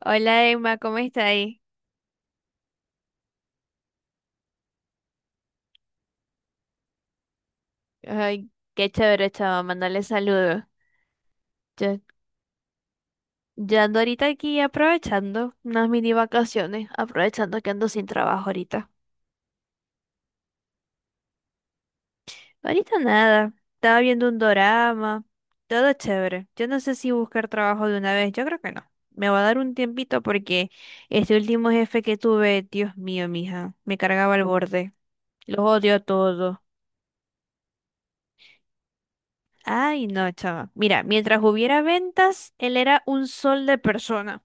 Hola Emma, ¿cómo está ahí? Ay, qué chévere, chava, mandarle saludos. Yo, yo ando ahorita aquí aprovechando unas mini vacaciones, aprovechando que ando sin trabajo ahorita. Ahorita nada, estaba viendo un dorama, todo chévere. Yo no sé si buscar trabajo de una vez, yo creo que no. Me va a dar un tiempito porque este último jefe que tuve, Dios mío, mija, me cargaba al borde. Los odio a todos. Ay, no, chava. Mira, mientras hubiera ventas, él era un sol de persona.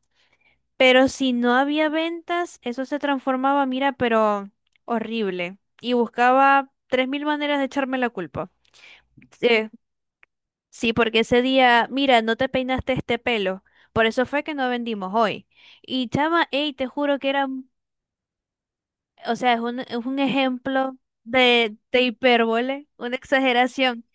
Pero si no había ventas, eso se transformaba, mira, pero horrible. Y buscaba 3.000 maneras de echarme la culpa. Sí, sí, porque ese día, mira, no te peinaste este pelo. Por eso fue que no vendimos hoy. Y chama, ey, te juro que o sea, es un ejemplo de hipérbole, una exageración.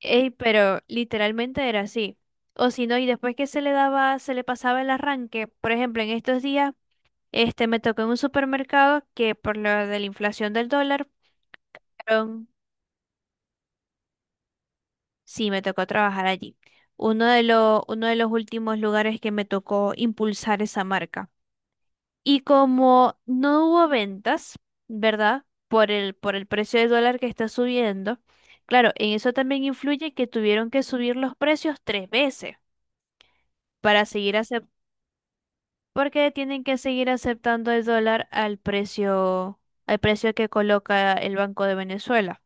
Ey, pero literalmente era así. O si no, y después que se le daba, se le pasaba el arranque, por ejemplo, en estos días. Este me tocó en un supermercado que por lo de la inflación del dólar, fueron- sí, me tocó trabajar allí. Uno de los últimos lugares que me tocó impulsar esa marca. Y como no hubo ventas, ¿verdad? Por el precio del dólar que está subiendo, claro, en eso también influye que tuvieron que subir los precios tres veces para seguir aceptando, porque tienen que seguir aceptando el dólar al precio que coloca el Banco de Venezuela.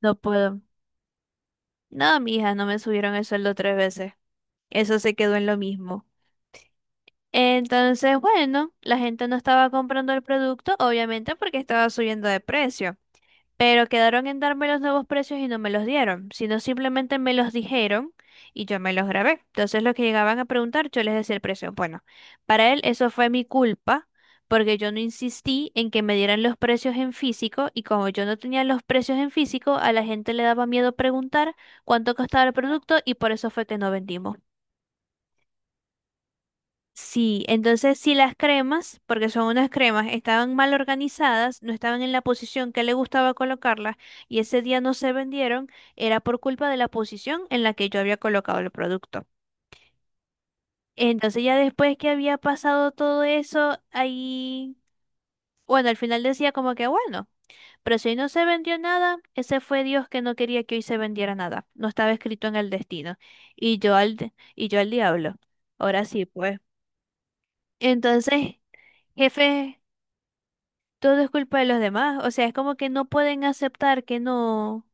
No puedo. No, mi hija, no me subieron el sueldo tres veces. Eso se quedó en lo mismo. Entonces, bueno, la gente no estaba comprando el producto, obviamente porque estaba subiendo de precio. Pero quedaron en darme los nuevos precios y no me los dieron, sino simplemente me los dijeron y yo me los grabé. Entonces los que llegaban a preguntar, yo les decía el precio. Bueno, para él eso fue mi culpa porque yo no insistí en que me dieran los precios en físico y como yo no tenía los precios en físico, a la gente le daba miedo preguntar cuánto costaba el producto y por eso fue que no vendimos. Sí, entonces si las cremas, porque son unas cremas, estaban mal organizadas, no estaban en la posición que le gustaba colocarlas y ese día no se vendieron, era por culpa de la posición en la que yo había colocado el producto. Entonces ya después que había pasado todo eso, ahí, bueno, al final decía como que bueno, pero si hoy no se vendió nada, ese fue Dios que no quería que hoy se vendiera nada, no estaba escrito en el destino. Y yo al diablo. Ahora sí, pues. Entonces, jefe, todo es culpa de los demás. O sea, es como que no pueden aceptar que no,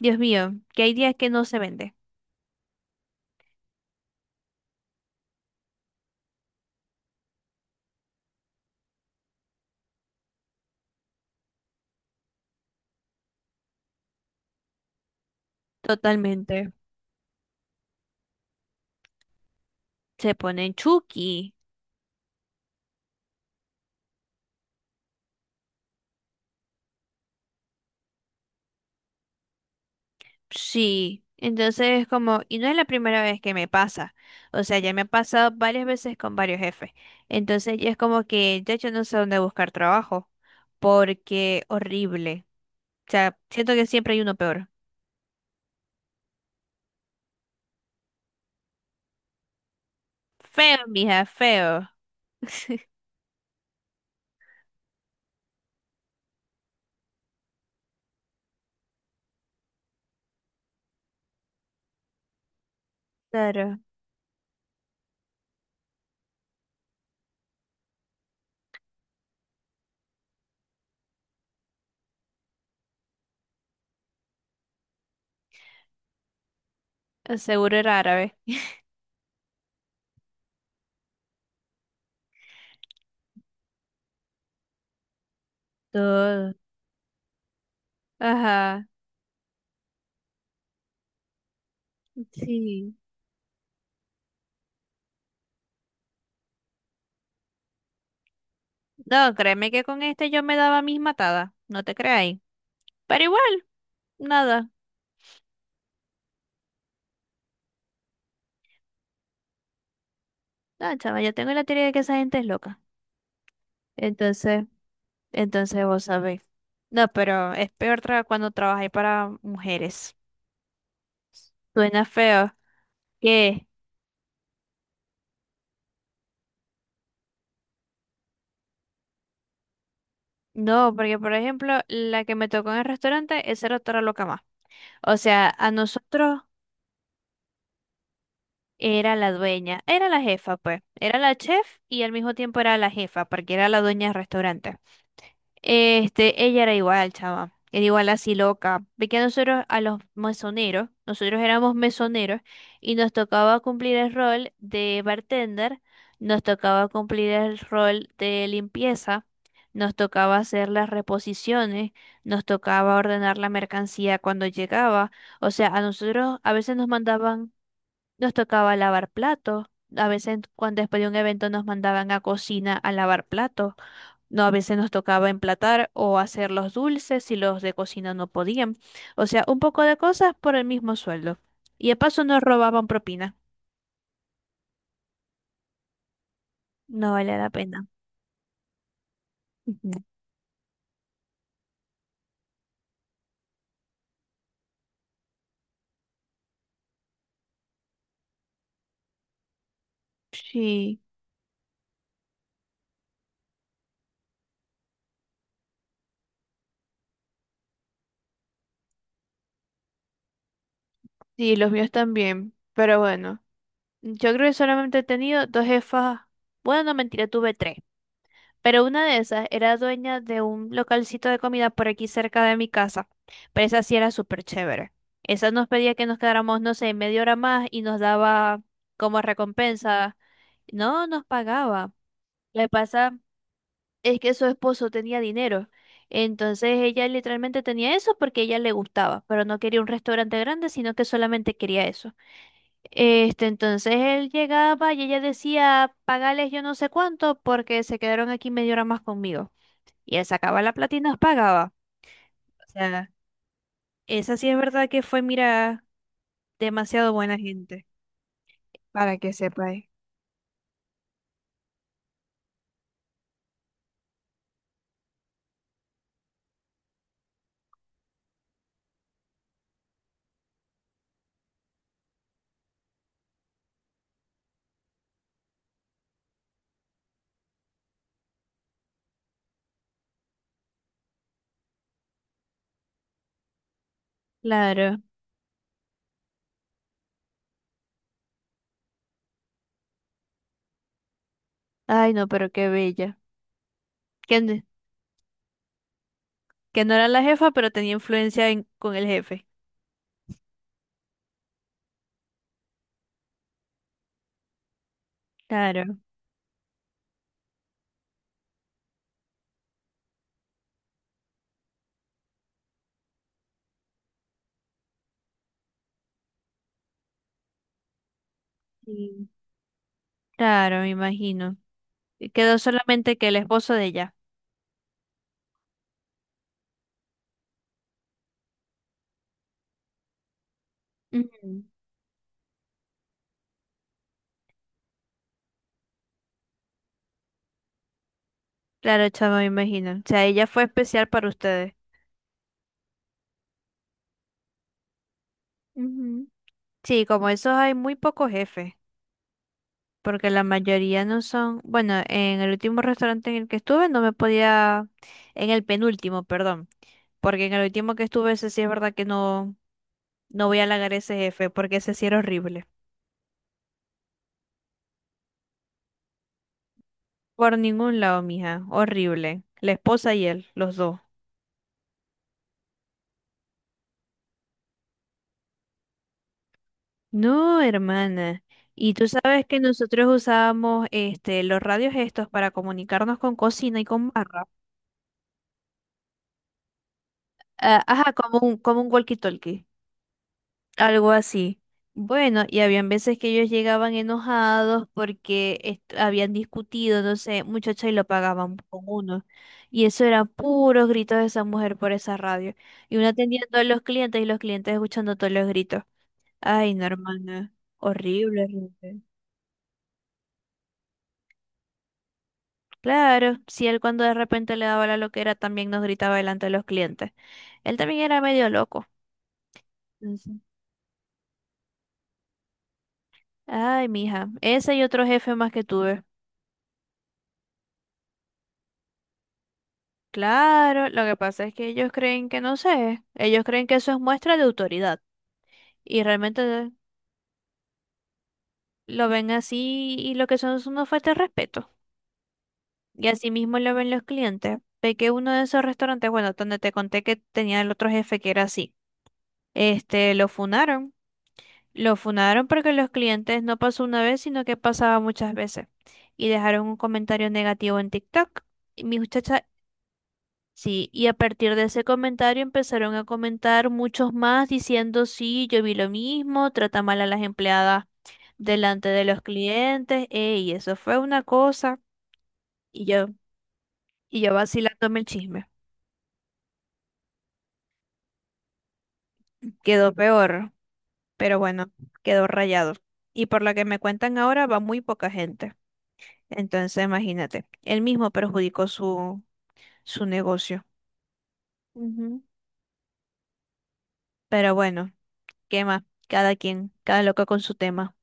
Dios mío, que hay días que no se vende. Totalmente. Se ponen chuki. Sí. Entonces es como, y no es la primera vez que me pasa. O sea, ya me ha pasado varias veces con varios jefes. Entonces ya es como que ya yo no sé dónde buscar trabajo. Porque horrible. O sea, siento que siempre hay uno peor. Feo, mija, feo. Claro. Seguro era árabe. Todo. Ajá. Sí. No, créeme que con este yo me daba mis matadas, no te creáis. Pero igual, nada. No, chava, yo tengo la teoría de que esa gente es loca. Entonces, entonces vos sabéis. No, pero es peor cuando trabajáis para mujeres. Suena feo. ¿Qué? No, porque por ejemplo, la que me tocó en el restaurante, esa era otra loca más. O sea, a nosotros era la dueña, era la jefa, pues. Era la chef y al mismo tiempo era la jefa, porque era la dueña del restaurante. Este, ella era igual, chava. Era igual así loca. Ve que a nosotros, a los mesoneros, nosotros éramos mesoneros y nos tocaba cumplir el rol de bartender, nos tocaba cumplir el rol de limpieza, nos tocaba hacer las reposiciones, nos tocaba ordenar la mercancía cuando llegaba. O sea, a nosotros a veces nos mandaban, nos tocaba lavar platos, a veces cuando después de un evento nos mandaban a cocina a lavar platos. No, a veces nos tocaba emplatar o hacer los dulces si los de cocina no podían. O sea, un poco de cosas por el mismo sueldo. Y de paso nos robaban propina. No vale la pena. Ujú. Sí, sí, los míos también. Pero bueno, yo creo que solamente he tenido dos jefas. Bueno, no, mentira, tuve tres. Pero una de esas era dueña de un localcito de comida por aquí cerca de mi casa. Pero esa sí era súper chévere. Esa nos pedía que nos quedáramos, no sé, media hora más y nos daba como recompensa. No nos pagaba. Lo que pasa es que su esposo tenía dinero. Entonces ella literalmente tenía eso porque a ella le gustaba, pero no quería un restaurante grande, sino que solamente quería eso. Este, entonces él llegaba y ella decía, pagales yo no sé cuánto porque se quedaron aquí media hora más conmigo. Y él sacaba la plata y nos pagaba. O sea, esa sí es verdad que fue, mira, demasiado buena gente, para que sepáis. Claro. Ay, no, pero qué bella. Que, n- que no era la jefa, pero tenía con el jefe. Claro. Sí, claro, me imagino. Y quedó solamente que el esposo de ella. Ujú. Claro, chamo, me imagino. O sea, ella fue especial para ustedes. Ujú. Sí, como esos hay muy pocos jefes, porque la mayoría no son, bueno, en el último restaurante en el que estuve no me podía, en el penúltimo, perdón, porque en el último que estuve ese sí es verdad que no, no voy a halagar a ese jefe, porque ese sí era horrible. Por ningún lado, mija, horrible. La esposa y él, los dos. No, hermana. Y tú sabes que nosotros usábamos este, los radios estos para comunicarnos con cocina y con barra. Ah, ajá, como un walkie-talkie. Algo así. Bueno, y habían veces que ellos llegaban enojados porque habían discutido, no sé, muchacha, y lo pagaban con uno. Y eso eran puros gritos de esa mujer por esa radio. Y uno atendiendo a los clientes y los clientes escuchando todos los gritos. Ay, no, hermana. Horrible, horrible. Claro, si él cuando de repente le daba la loquera también nos gritaba delante de los clientes. Él también era medio loco. Ujú. Ay, mija, ese y otro jefe más que tuve. Claro, lo que pasa es que ellos creen que no sé, ellos creen que eso es muestra de autoridad y realmente lo ven así y lo que son es una falta de respeto. Y así mismo lo ven los clientes. Ve que uno de esos restaurantes, bueno, donde te conté que tenía el otro jefe que era así, este, lo funaron. Lo funaron porque los clientes no pasó una vez, sino que pasaba muchas veces. Y dejaron un comentario negativo en TikTok. Y mi muchacha, sí, y a partir de ese comentario empezaron a comentar muchos más diciendo, sí, yo vi lo mismo, trata mal a las empleadas delante de los clientes, ey, eso fue una cosa, y yo, y yo vacilándome el chisme. Quedó peor, pero bueno, quedó rayado. Y por lo que me cuentan ahora va muy poca gente. Entonces, imagínate, él mismo perjudicó su negocio. Ujú. Pero bueno, ¿qué más? Cada quien, cada loco con su tema.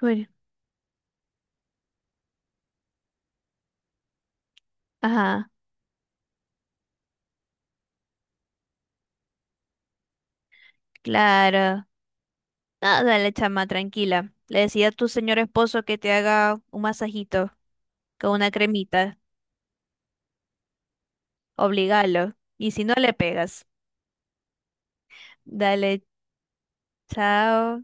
Bueno. Ajá. Claro. Nada, dale, chama, tranquila. Le decía a tu señor esposo que te haga un masajito con una cremita. Obligalo. Y si no, le pegas. Dale, chao.